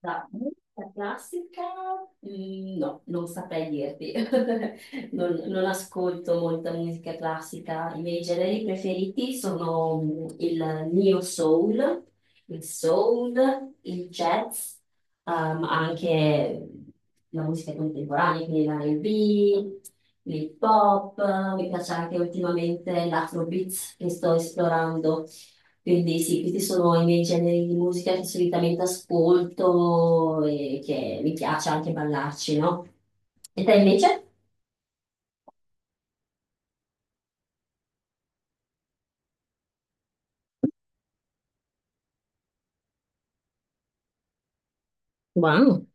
Da musica classica? No, non saprei dirti. Non ascolto molta musica classica. I miei generi preferiti sono il neo soul, il jazz, anche la musica contemporanea, quindi l'R&B, l'hip hop. Mi piace anche ultimamente l'afrobeat che sto esplorando. Quindi sì, questi sono i miei generi di musica che solitamente ascolto e che mi piace anche ballarci, no? E te invece? Wow,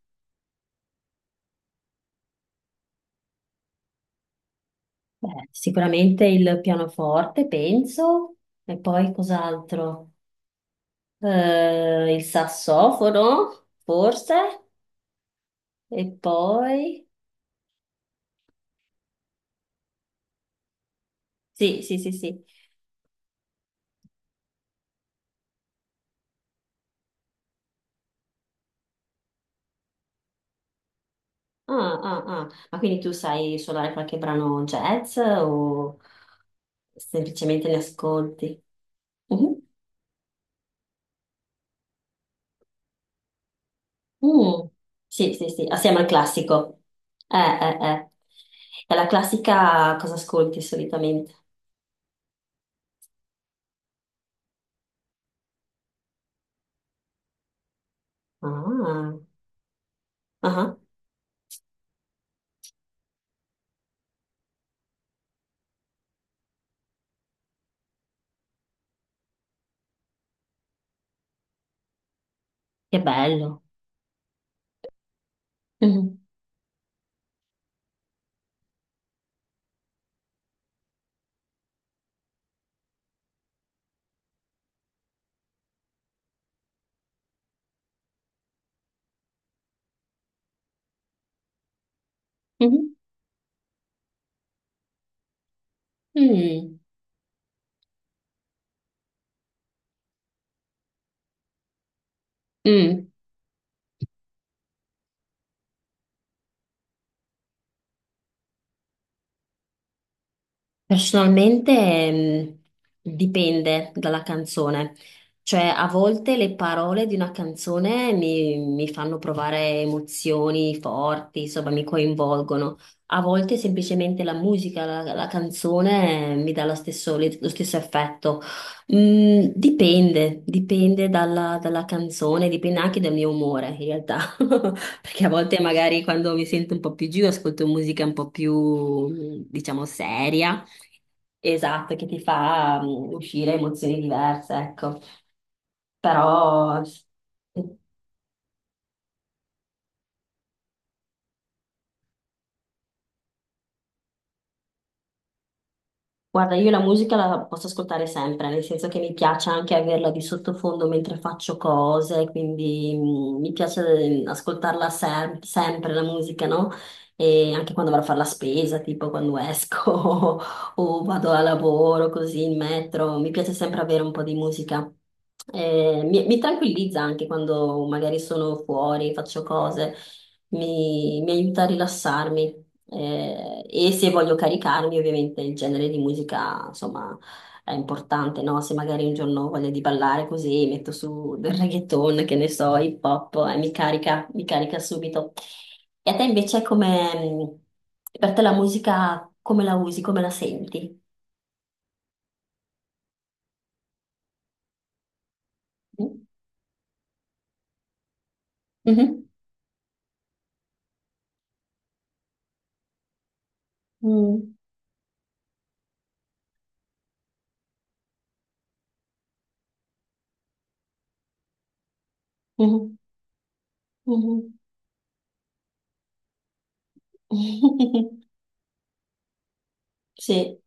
beh, sicuramente il pianoforte, penso, e poi cos'altro? Il sassofono, forse, e poi... Sì, sì, sì, sì. Ah, ah, ah. Ma quindi tu sai suonare qualche brano jazz o semplicemente ne ascolti? Mhm. Mm, sì, sì, sì, assieme al classico. Eh. E la classica cosa ascolti solitamente? Ah, ah, ah. Che bello. Mhm, mhm, mm, mm. Personalmente, dipende dalla canzone, cioè a volte le parole di una canzone mi fanno provare emozioni forti, insomma mi coinvolgono, a volte semplicemente la musica, la canzone mi dà lo stesso, lo stesso effetto. Mm, dipende dalla, dalla canzone, dipende anche dal mio umore in realtà. Perché a volte magari quando mi sento un po' più giù ascolto musica un po' più, diciamo, seria. Esatto, che ti fa uscire emozioni diverse, ecco. Però s- Guarda, io la musica la posso ascoltare sempre, nel senso che mi piace anche averla di sottofondo mentre faccio cose, quindi mi piace ascoltarla sempre la musica, no? E anche quando vado a fare la spesa, tipo quando esco o vado a lavoro, così in metro, mi piace sempre avere un po' di musica. Mi tranquillizza anche quando magari sono fuori, faccio cose, mi aiuta a rilassarmi. E se voglio caricarmi, ovviamente il genere di musica, insomma, è importante, no? Se magari un giorno ho voglia di ballare così, metto su del reggaeton, che ne so, hip hop, e mi carica subito. E a te invece come, per te la musica, come la usi, come la senti? Mhm. Mm. Mhm. Mhm. Sì.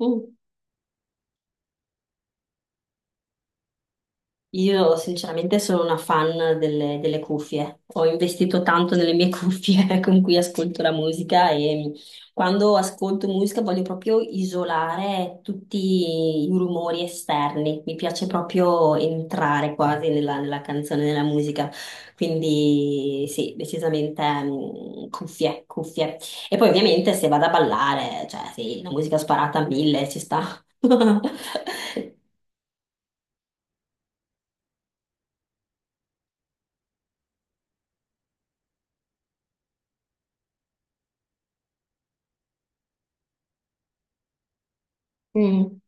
Mm. Io sinceramente sono una fan delle, delle cuffie, ho investito tanto nelle mie cuffie con cui ascolto la musica e quando ascolto musica voglio proprio isolare tutti i rumori esterni, mi piace proprio entrare quasi nella, nella canzone, nella musica, quindi sì, decisamente cuffie, cuffie. E poi ovviamente se vado a ballare, cioè sì, la musica sparata a mille ci sta. Mm,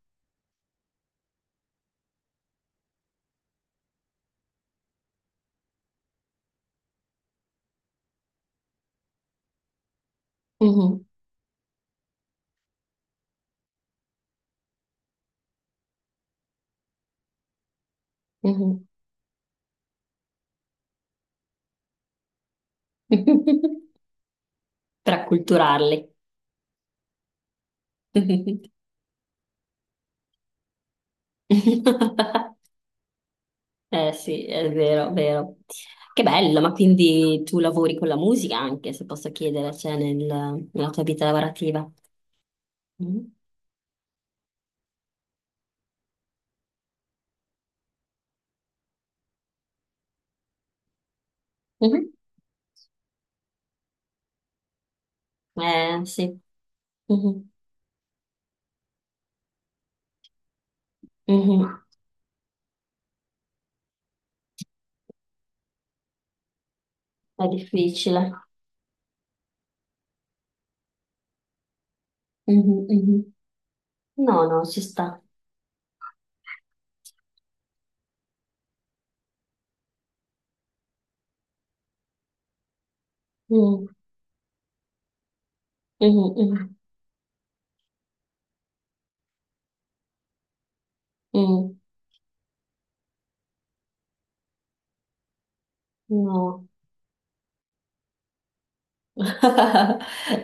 mhm, mhm. Per acculturarli. Eh sì, è vero, vero. Che bello, ma quindi tu lavori con la musica anche, se posso chiedere, cioè nella tua vita lavorativa. Mhm. Mhm. Eh sì, mhm. Mhm. È difficile. Mhm, mhm. No, no, ci sta. Mm, mhm, mhm, mm. No.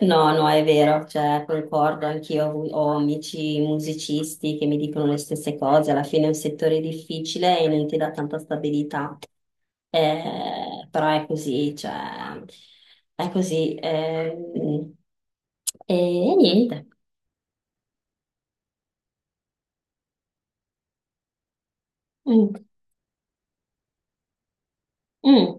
No, no, è vero, cioè, concordo, anch'io ho, ho amici musicisti che mi dicono le stesse cose, alla fine è un settore difficile e non ti dà tanta stabilità. Però è così, cioè, è così. E, e niente. Mm, mm,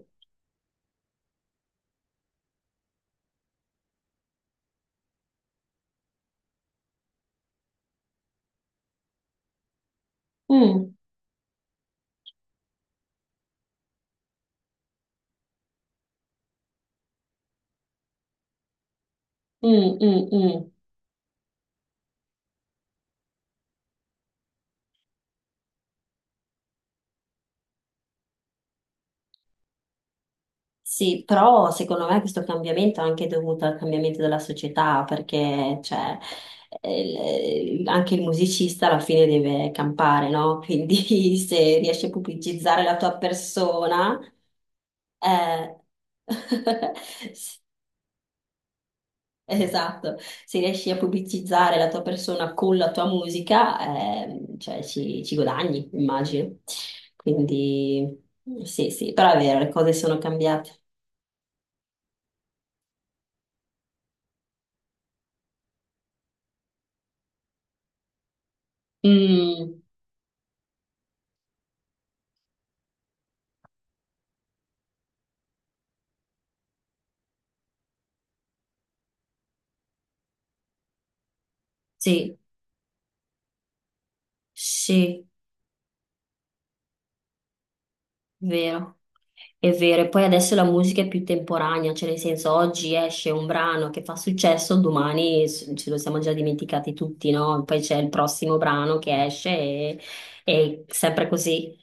mm, mm, mm, mm. Sì, però secondo me questo cambiamento è anche dovuto al cambiamento della società, perché cioè, anche il musicista alla fine deve campare, no? Quindi se riesci a pubblicizzare la tua persona, eh, s- esatto, se riesci a pubblicizzare la tua persona con la tua musica, cioè, ci guadagni, immagino. Quindi sì, sì, però è vero, le cose sono cambiate. Mm, sì. Sì, vero, è vero. E poi adesso la musica è più temporanea, cioè nel senso oggi esce un brano che fa successo, domani ce lo siamo già dimenticati tutti, no? Poi c'è il prossimo brano che esce e sempre così.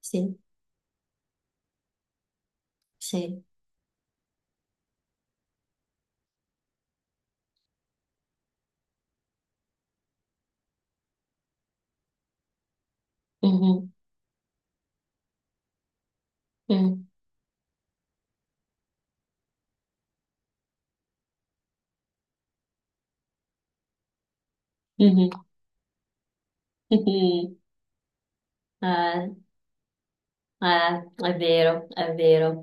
Sì, sì. Mhm, mm, mhm, mhm. Eh. È vero,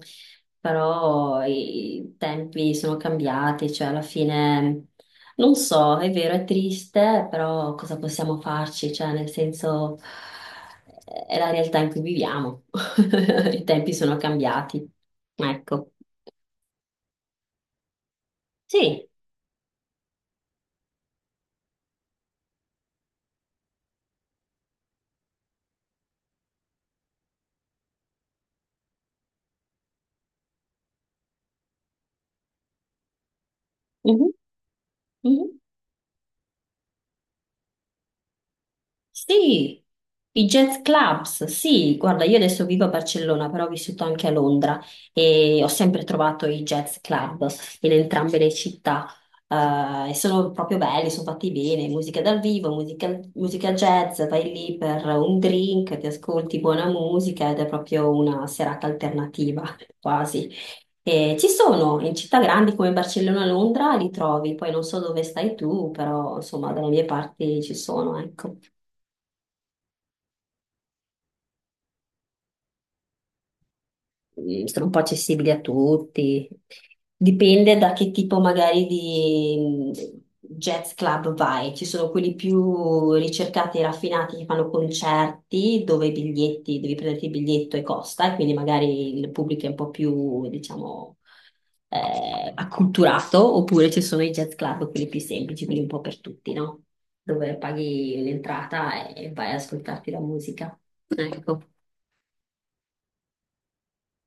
però i tempi sono cambiati, cioè alla fine non so, è vero, è triste, però cosa possiamo farci? Cioè, nel senso, è la realtà in cui viviamo. I tempi sono cambiati, ecco, sì. Mhm, mhm. Sì, i jazz clubs, sì, guarda, io adesso vivo a Barcellona, però ho vissuto anche a Londra e ho sempre trovato i jazz club in entrambe le città. E sono proprio belli, sono fatti bene, musica dal vivo, musica, musica jazz, vai lì per un drink, ti ascolti buona musica ed è proprio una serata alternativa, quasi. E ci sono in città grandi come Barcellona, Londra, li trovi, poi non so dove stai tu, però insomma dalle mie parti ci sono, ecco. Mm, sono un po' accessibili a tutti. Dipende da che tipo magari di jazz club vai. Ci sono quelli più ricercati e raffinati che fanno concerti dove i biglietti, devi prenderti il biglietto e costa, e quindi magari il pubblico è un po' più, diciamo, acculturato, oppure ci sono i jazz club, quelli più semplici, quelli un po' per tutti, no? Dove paghi l'entrata e vai ad ascoltarti la musica. Ecco.